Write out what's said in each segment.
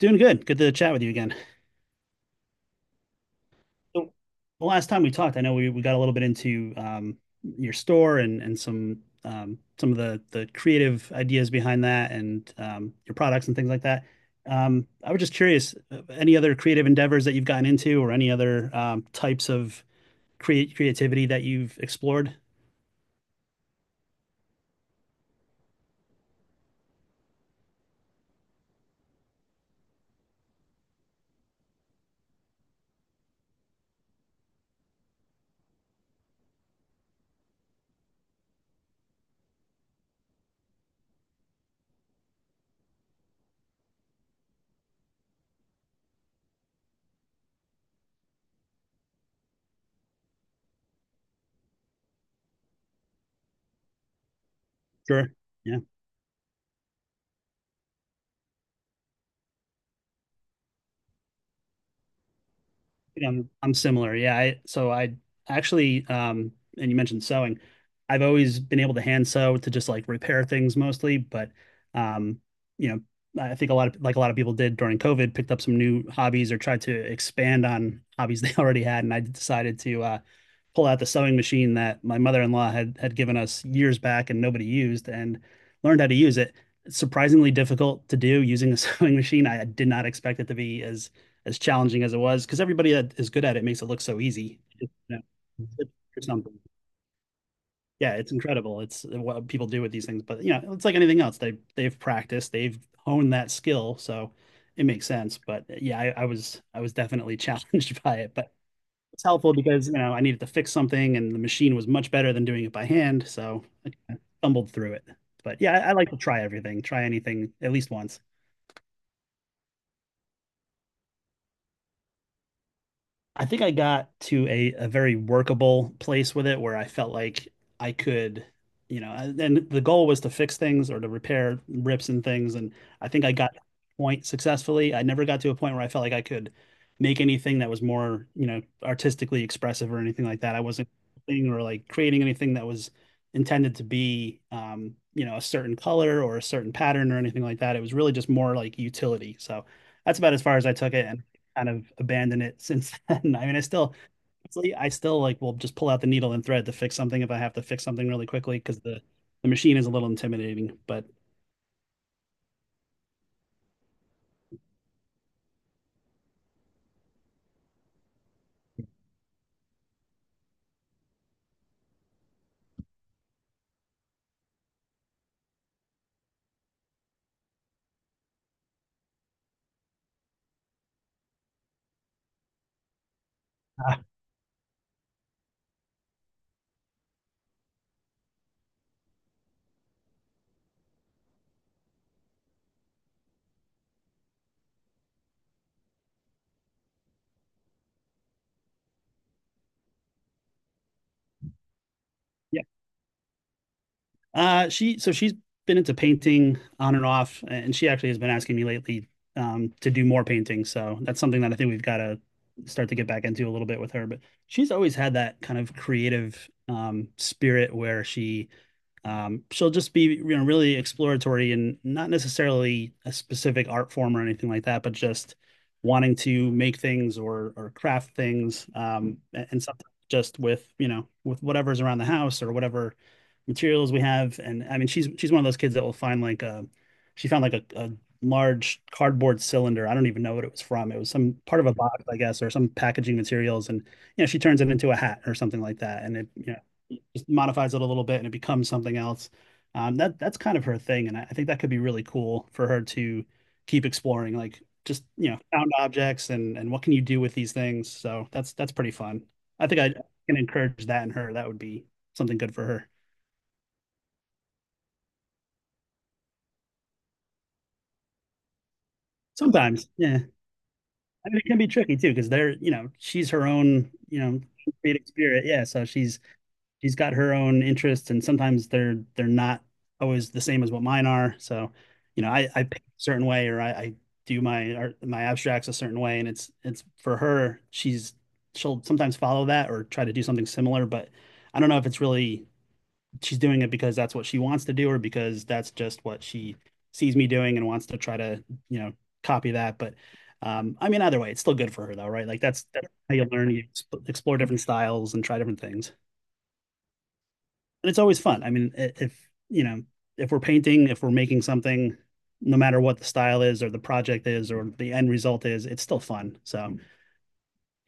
Doing good. Good to chat with you again. So, the last time we talked, I know we got a little bit into your store and some of the creative ideas behind that and your products and things like that. I was just curious, any other creative endeavors that you've gotten into or any other types of create creativity that you've explored? Sure. Yeah. I'm similar. Yeah. So I actually, and you mentioned sewing. I've always been able to hand sew to just like repair things mostly, but um, you know, I think a lot of people did during COVID, picked up some new hobbies or tried to expand on hobbies they already had. And I decided to pull out the sewing machine that my mother-in-law had given us years back and nobody used, and learned how to use it. It's surprisingly difficult to do using a sewing machine. I did not expect it to be as challenging as it was because everybody that is good at it makes it look so easy. You know, or something. Yeah, it's incredible. It's what people do with these things, but you know, it's like anything else. They've practiced, they've honed that skill, so it makes sense. But yeah, I was definitely challenged by it, but it's helpful because you know I needed to fix something, and the machine was much better than doing it by hand, so I stumbled through it. But yeah, I like to try everything, try anything at least once. I think I got to a very workable place with it where I felt like I could, you know, and the goal was to fix things or to repair rips and things. And I think I got to a point successfully. I never got to a point where I felt like I could make anything that was more, you know, artistically expressive or anything like that. I wasn't thing or like creating anything that was intended to be, you know, a certain color or a certain pattern or anything like that. It was really just more like utility. So that's about as far as I took it, kind of abandoned it since then. I mean, I still like will just pull out the needle and thread to fix something if I have to fix something really quickly because the machine is a little intimidating. But yeah, she so she's been into painting on and off, and she actually has been asking me lately to do more painting. So that's something that I think we've got to start to get back into a little bit with her. But she's always had that kind of creative spirit where she, she'll just be, you know, really exploratory and not necessarily a specific art form or anything like that, but just wanting to make things or craft things, and something just with, you know, with whatever's around the house or whatever materials we have. And I mean, she's one of those kids that will find she found like a large cardboard cylinder. I don't even know what it was from. It was some part of a box, I guess, or some packaging materials, and you know, she turns it into a hat or something like that, and it, you know, just modifies it a little bit and it becomes something else. That's kind of her thing, and I think that could be really cool for her to keep exploring, like just you know found objects and what can you do with these things. So that's pretty fun. I think I can encourage that in her. That would be something good for her. Sometimes, yeah, I mean it can be tricky too because they're, you know, she's her own, you know, creative spirit, yeah. So she's got her own interests, and sometimes they're not always the same as what mine are. So, you know, I paint a certain way, or I do my art, my abstracts a certain way, and it's for her. She'll sometimes follow that or try to do something similar, but I don't know if it's really she's doing it because that's what she wants to do or because that's just what she sees me doing and wants to try to, you know, copy that. But I mean, either way, it's still good for her though, right? Like that's how you learn, you explore different styles and try different things and it's always fun. I mean, if you know, if we're painting, if we're making something, no matter what the style is or the project is or the end result is, it's still fun. So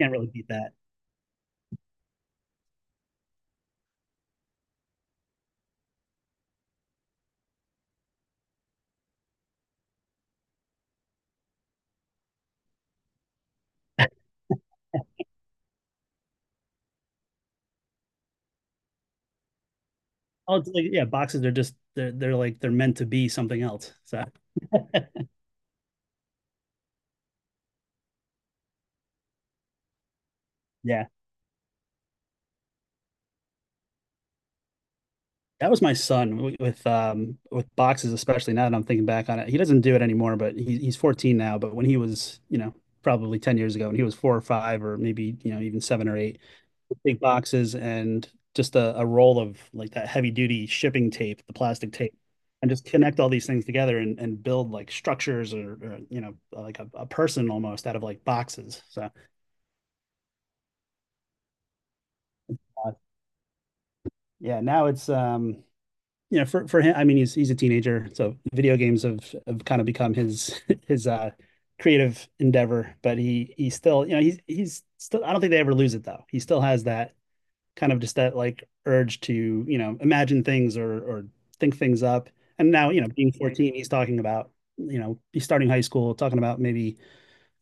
can't really beat that. Oh, like, yeah, boxes are just they're like they're meant to be something else. So yeah. That was my son with boxes, especially now that I'm thinking back on it. He doesn't do it anymore, but he's 14 now. But when he was, you know, probably 10 years ago, and he was 4 or 5, or maybe you know even 7 or 8, big boxes and just a roll of like that heavy duty shipping tape, the plastic tape, and just connect all these things together and build like structures or you know like a person almost out of like boxes. So uh, yeah, now it's you know, for him, I mean, he's a teenager, so video games have kind of become his his creative endeavor. But he still, you know, he's still. I don't think they ever lose it though. He still has that kind of just that like urge to you know imagine things or think things up. And now you know, being 14, he's talking about you know he's starting high school, talking about maybe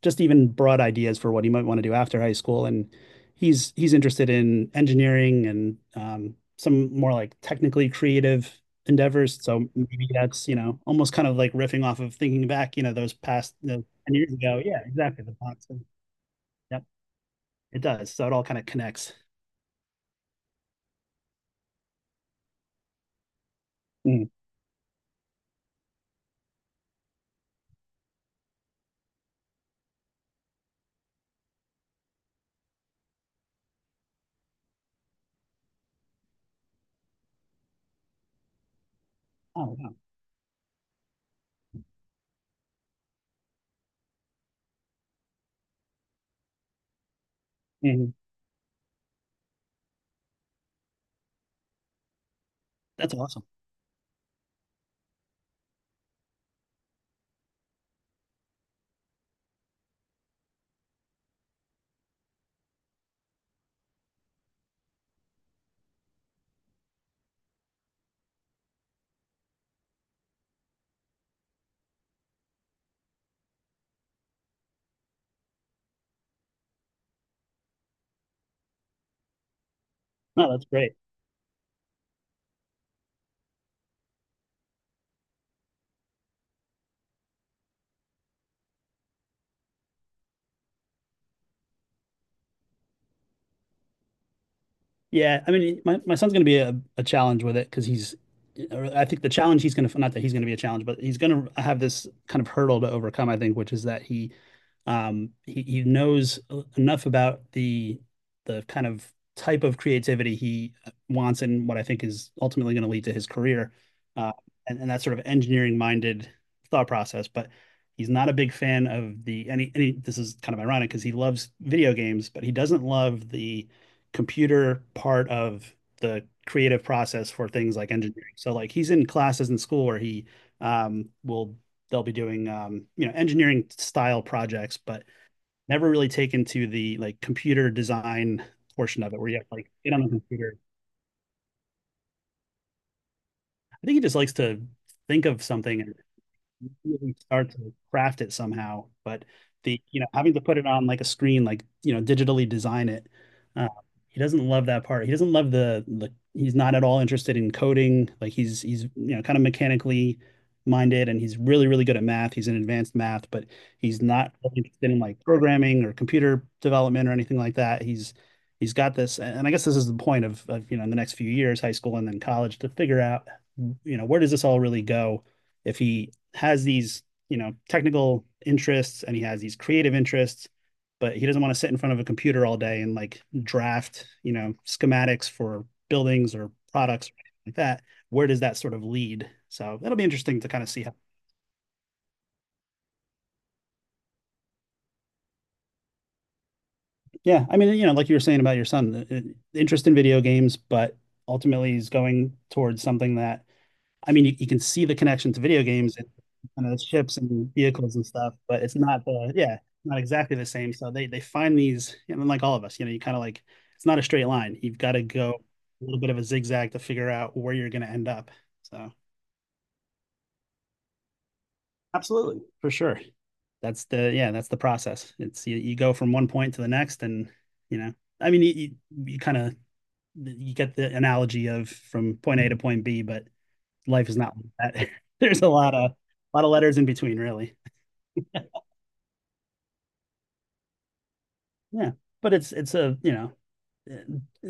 just even broad ideas for what he might want to do after high school. And he's interested in engineering and some more like technically creative endeavors. So maybe that's, you know, almost kind of like riffing off of thinking back, you know, those past you know, 10 years ago. Yeah, exactly. The box. Yep, it does. So it all kind of connects. Mm. Oh, wow. Mm. That's awesome. No, that's great. Yeah, I mean, my son's going to be a challenge with it because he's, or I think the challenge he's going to, not that he's going to be a challenge, but he's going to have this kind of hurdle to overcome, I think, which is that he, he knows enough about the kind of type of creativity he wants and what I think is ultimately going to lead to his career, uh, and that sort of engineering minded thought process. But he's not a big fan of the any, this is kind of ironic because he loves video games, but he doesn't love the computer part of the creative process for things like engineering. So like he's in classes in school where he will, they'll be doing you know engineering style projects, but never really taken to the like computer design portion of it where you have to, like, get on the computer. I think he just likes to think of something and really start to craft it somehow. But the you know having to put it on like a screen, like you know digitally design it, uh, he doesn't love that part. He doesn't love the the. He's not at all interested in coding. Like he's you know kind of mechanically minded, and he's really good at math. He's in advanced math, but he's not really interested in like programming or computer development or anything like that. He's got this, and I guess this is the point of you know in the next few years, high school and then college, to figure out you know where does this all really go if he has these, you know, technical interests and he has these creative interests, but he doesn't want to sit in front of a computer all day and like draft, you know, schematics for buildings or products or anything like that, where does that sort of lead? So that'll be interesting to kind of see how. Yeah, I mean, you know, like you were saying about your son, the- interest in video games, but ultimately he's going towards something that, I mean, you can see the connection to video games and kind of ships and vehicles and stuff, but it's not the yeah, not exactly the same. So they find these, and like all of us, you know, you kind of like it's not a straight line. You've got to go a little bit of a zigzag to figure out where you're going to end up. So absolutely, for sure. That's the yeah, that's the process. You go from one point to the next, and you know, I mean, you kind of you get the analogy of from point A to point B, but life is not like that. There's a lot of letters in between, really. Yeah, but it's a you know, eh,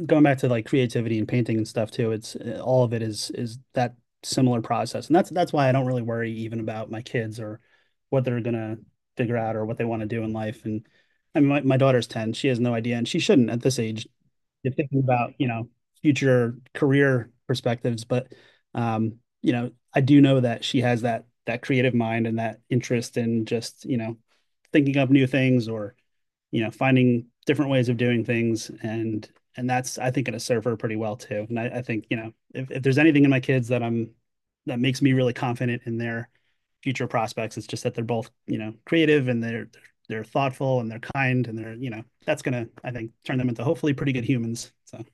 going back to like creativity and painting and stuff too. It's all of it is that similar process, and that's why I don't really worry even about my kids or what they're gonna figure out or what they want to do in life. And I mean, my daughter's 10; she has no idea, and she shouldn't at this age. You're thinking about you know future career perspectives, but you know I do know that she has that creative mind and that interest in just you know thinking up new things or you know finding different ways of doing things and that's I think going to serve her pretty well too. And I think you know if there's anything in my kids that I'm, that makes me really confident in their future prospects, it's just that they're both you know creative and they're thoughtful and they're kind and they're you know that's gonna I think turn them into hopefully pretty good humans. So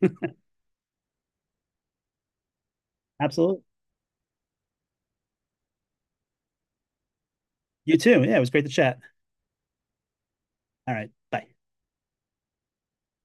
absolutely, you too. Yeah, it was great to chat. All right, bye.